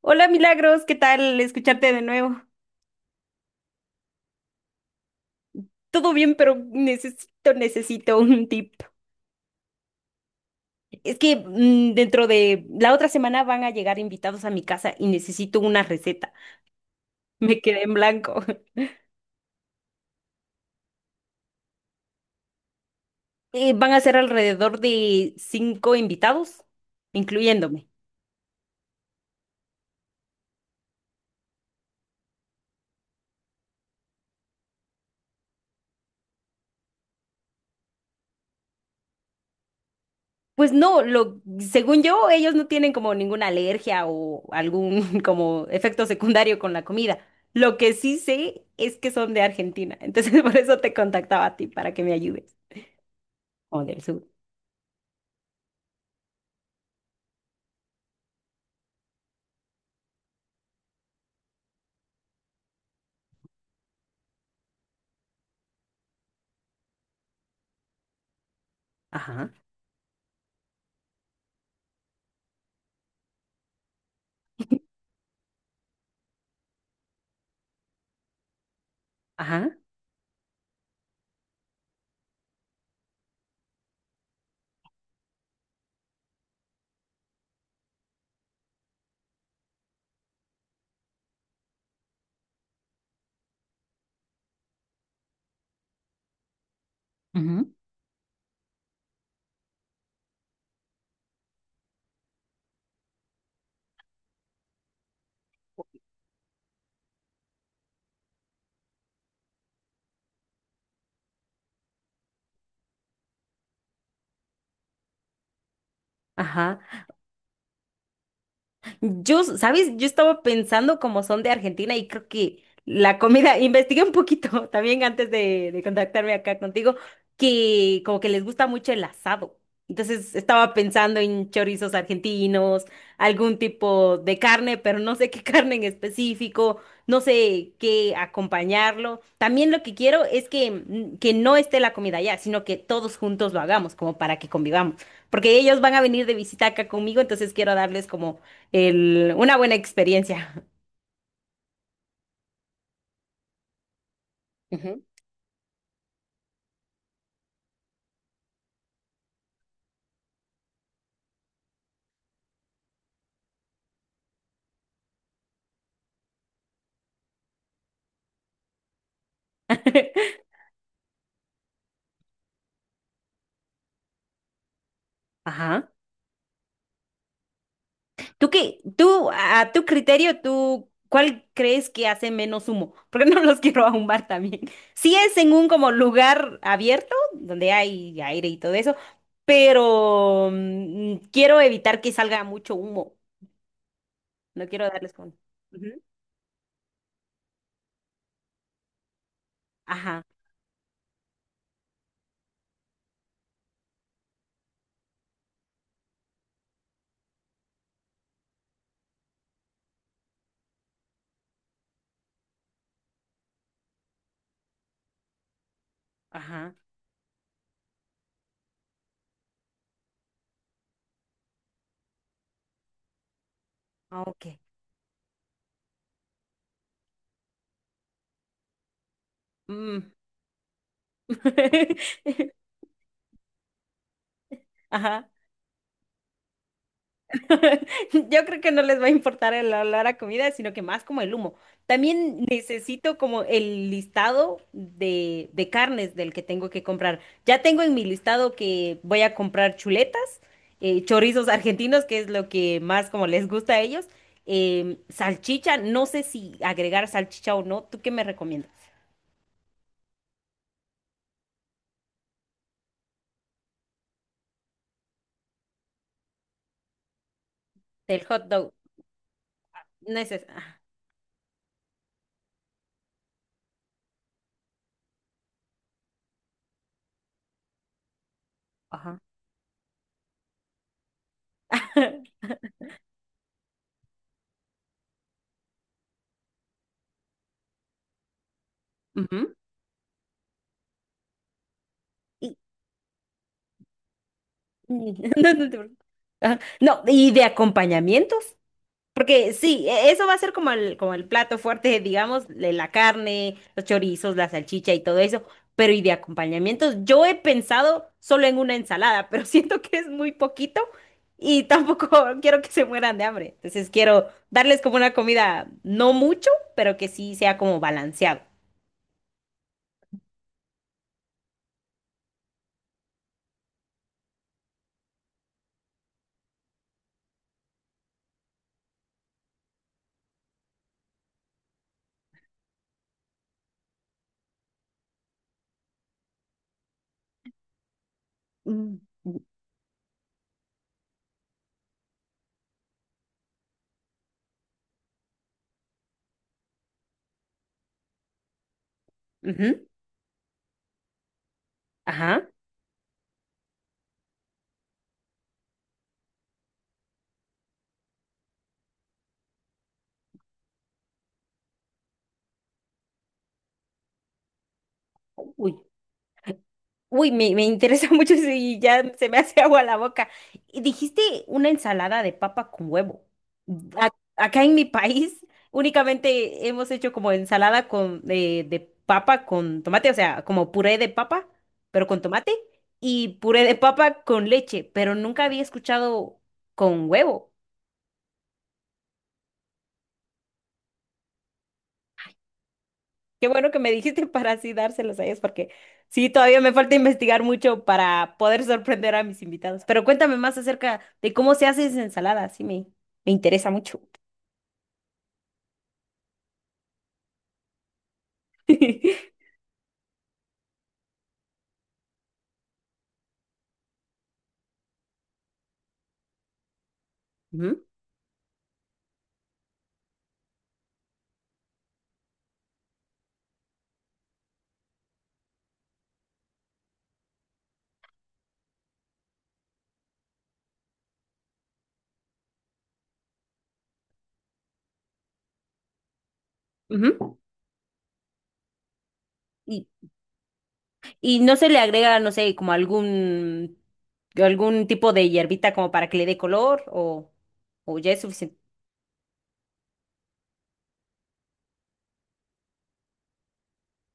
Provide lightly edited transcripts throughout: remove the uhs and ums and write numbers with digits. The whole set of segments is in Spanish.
Hola Milagros, ¿qué tal escucharte de nuevo? Todo bien, pero necesito un tip. Es que dentro de la otra semana van a llegar invitados a mi casa y necesito una receta. Me quedé en blanco. Van a ser alrededor de cinco invitados, incluyéndome. Pues no, según yo, ellos no tienen como ninguna alergia o algún como efecto secundario con la comida. Lo que sí sé es que son de Argentina, entonces por eso te contactaba a ti para que me ayudes. O del sur. Ajá, ajá, ujú, ajá. Yo, ¿sabes? Yo estaba pensando como son de Argentina y creo que la comida, investigué un poquito también antes de contactarme acá contigo, que como que les gusta mucho el asado. Entonces estaba pensando en chorizos argentinos, algún tipo de carne, pero no sé qué carne en específico, no sé qué acompañarlo. También lo que quiero es que, que no esté la comida ya, sino que todos juntos lo hagamos, como para que convivamos porque ellos van a venir de visita acá conmigo, entonces quiero darles como una buena experiencia. Ujú. Ajá. ¿Tú qué? ¿Tú, a tu criterio, tú, cuál crees que hace menos humo? Porque no los quiero ahumar también. Sí es en un como lugar abierto, donde hay aire y todo eso, pero quiero evitar que salga mucho humo. No quiero darles con... Ujú. Ajá, ajá. Ah, ok. Mm. Ajá. Yo creo que no les va a importar el olor a comida, sino que más como el humo. También necesito como el listado de carnes del que tengo que comprar. Ya tengo en mi listado que voy a comprar chuletas, chorizos argentinos, que es lo que más como les gusta a ellos, salchicha, no sé si agregar salchicha o no. ¿Tú qué me recomiendas? Del hot dog. Neces ah, ajá. Ujú. Y- no, no te preocupes. Ajá. No, y de acompañamientos. Porque sí, e- eso va a ser como como el plato fuerte, digamos, de la carne, los chorizos, la salchicha y todo eso. Pero y de acompañamientos, yo he pensado solo en una ensalada, pero siento que es muy poquito y tampoco quiero que se mueran de hambre. Entonces quiero darles como una comida, no mucho, pero que sí sea como balanceado. Mm, ujú, ajá. Uy, uy, me interesa mucho eso y ya se me hace agua la boca. Y dijiste una ensalada de papa con huevo. A- acá en mi país únicamente hemos hecho como ensalada de papa con tomate, o sea, como puré de papa, pero con tomate, y puré de papa con leche, pero nunca había escuchado con huevo. Qué bueno que me dijiste para así dárselos a ellos, porque sí, todavía me falta investigar mucho para poder sorprender a mis invitados. Pero cuéntame más acerca de cómo se hace esa ensalada, sí me interesa mucho. Ujú, ujú. Y, y no se le agrega, no sé, como algún, algún tipo de hierbita como para que le dé color o ya es suficiente.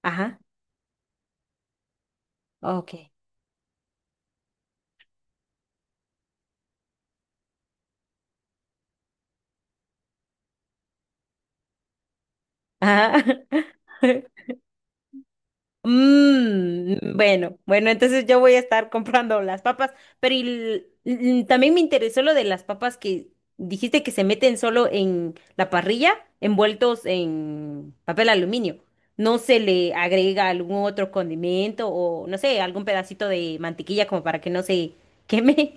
Ajá, ok. Ajá. Mm, bueno, bueno, entonces yo voy a estar comprando las papas, pero y l- l- también me interesó lo de las papas que dijiste que se meten solo en la parrilla, envueltos en papel aluminio. ¿No se le agrega algún otro condimento o, no sé, algún pedacito de mantequilla como para que no se queme?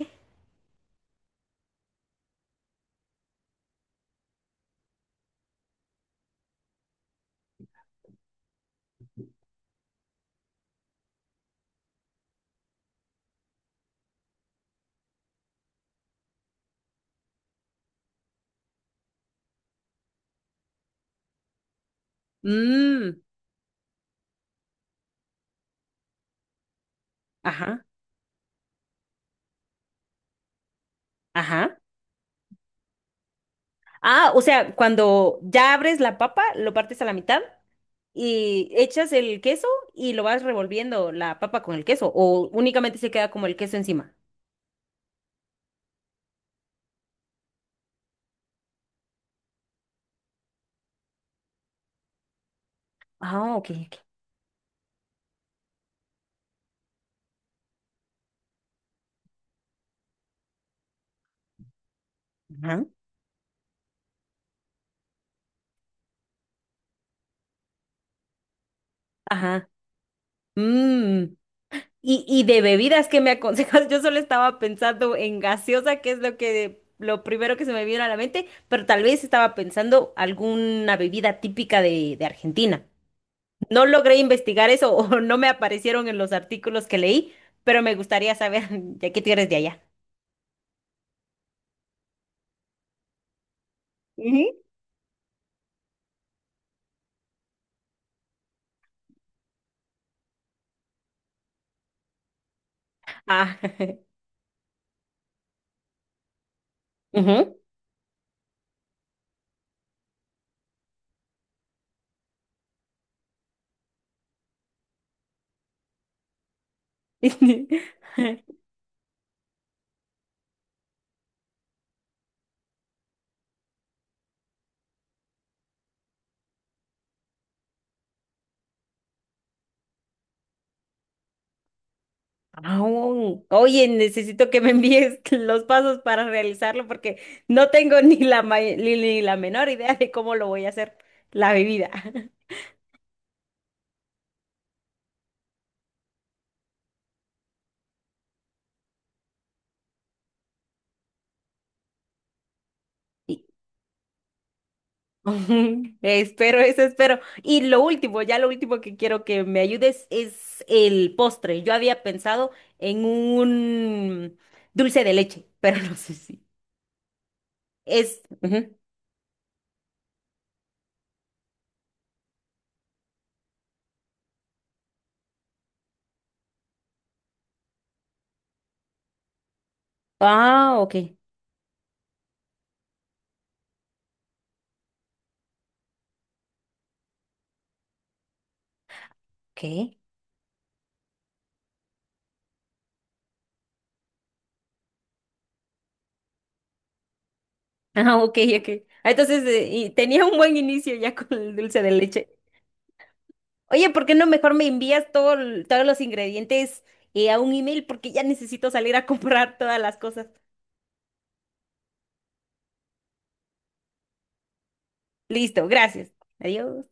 Mmm, ajá, ajá. Ah, o sea, cuando ya abres la papa, lo partes a la mitad y echas el queso y lo vas revolviendo la papa con el queso o únicamente se queda como el queso encima. Ah, ok, ok. Ajá. Ajá. Mm. Y de bebidas, ¿qué me aconsejas? Yo solo estaba pensando en gaseosa, que es lo que lo primero que se me vino a la mente, pero tal vez estaba pensando alguna bebida típica de Argentina. No logré investigar eso o no me aparecieron en los artículos que leí, pero me gustaría saber, ya que tú eres de allá. Ujú. Ah, ujú. Aún. Oye, necesito que me envíes los pasos para realizarlo porque no tengo ni ni la menor idea de cómo lo voy a hacer, la bebida. Y- espero, eso espero. Y lo último, ya lo último que quiero que me ayudes es el postre. Yo había pensado en un dulce de leche, pero no sé si es... Ujú. Ah, ok. ¿Qué? Ah, ok, ok. Ah, entonces, y tenía un buen inicio ya con el dulce de leche. Oye, ¿por qué no mejor me envías todo, todos los ingredientes a un email? Porque ya necesito salir a comprar todas las cosas. Listo, gracias. Adiós.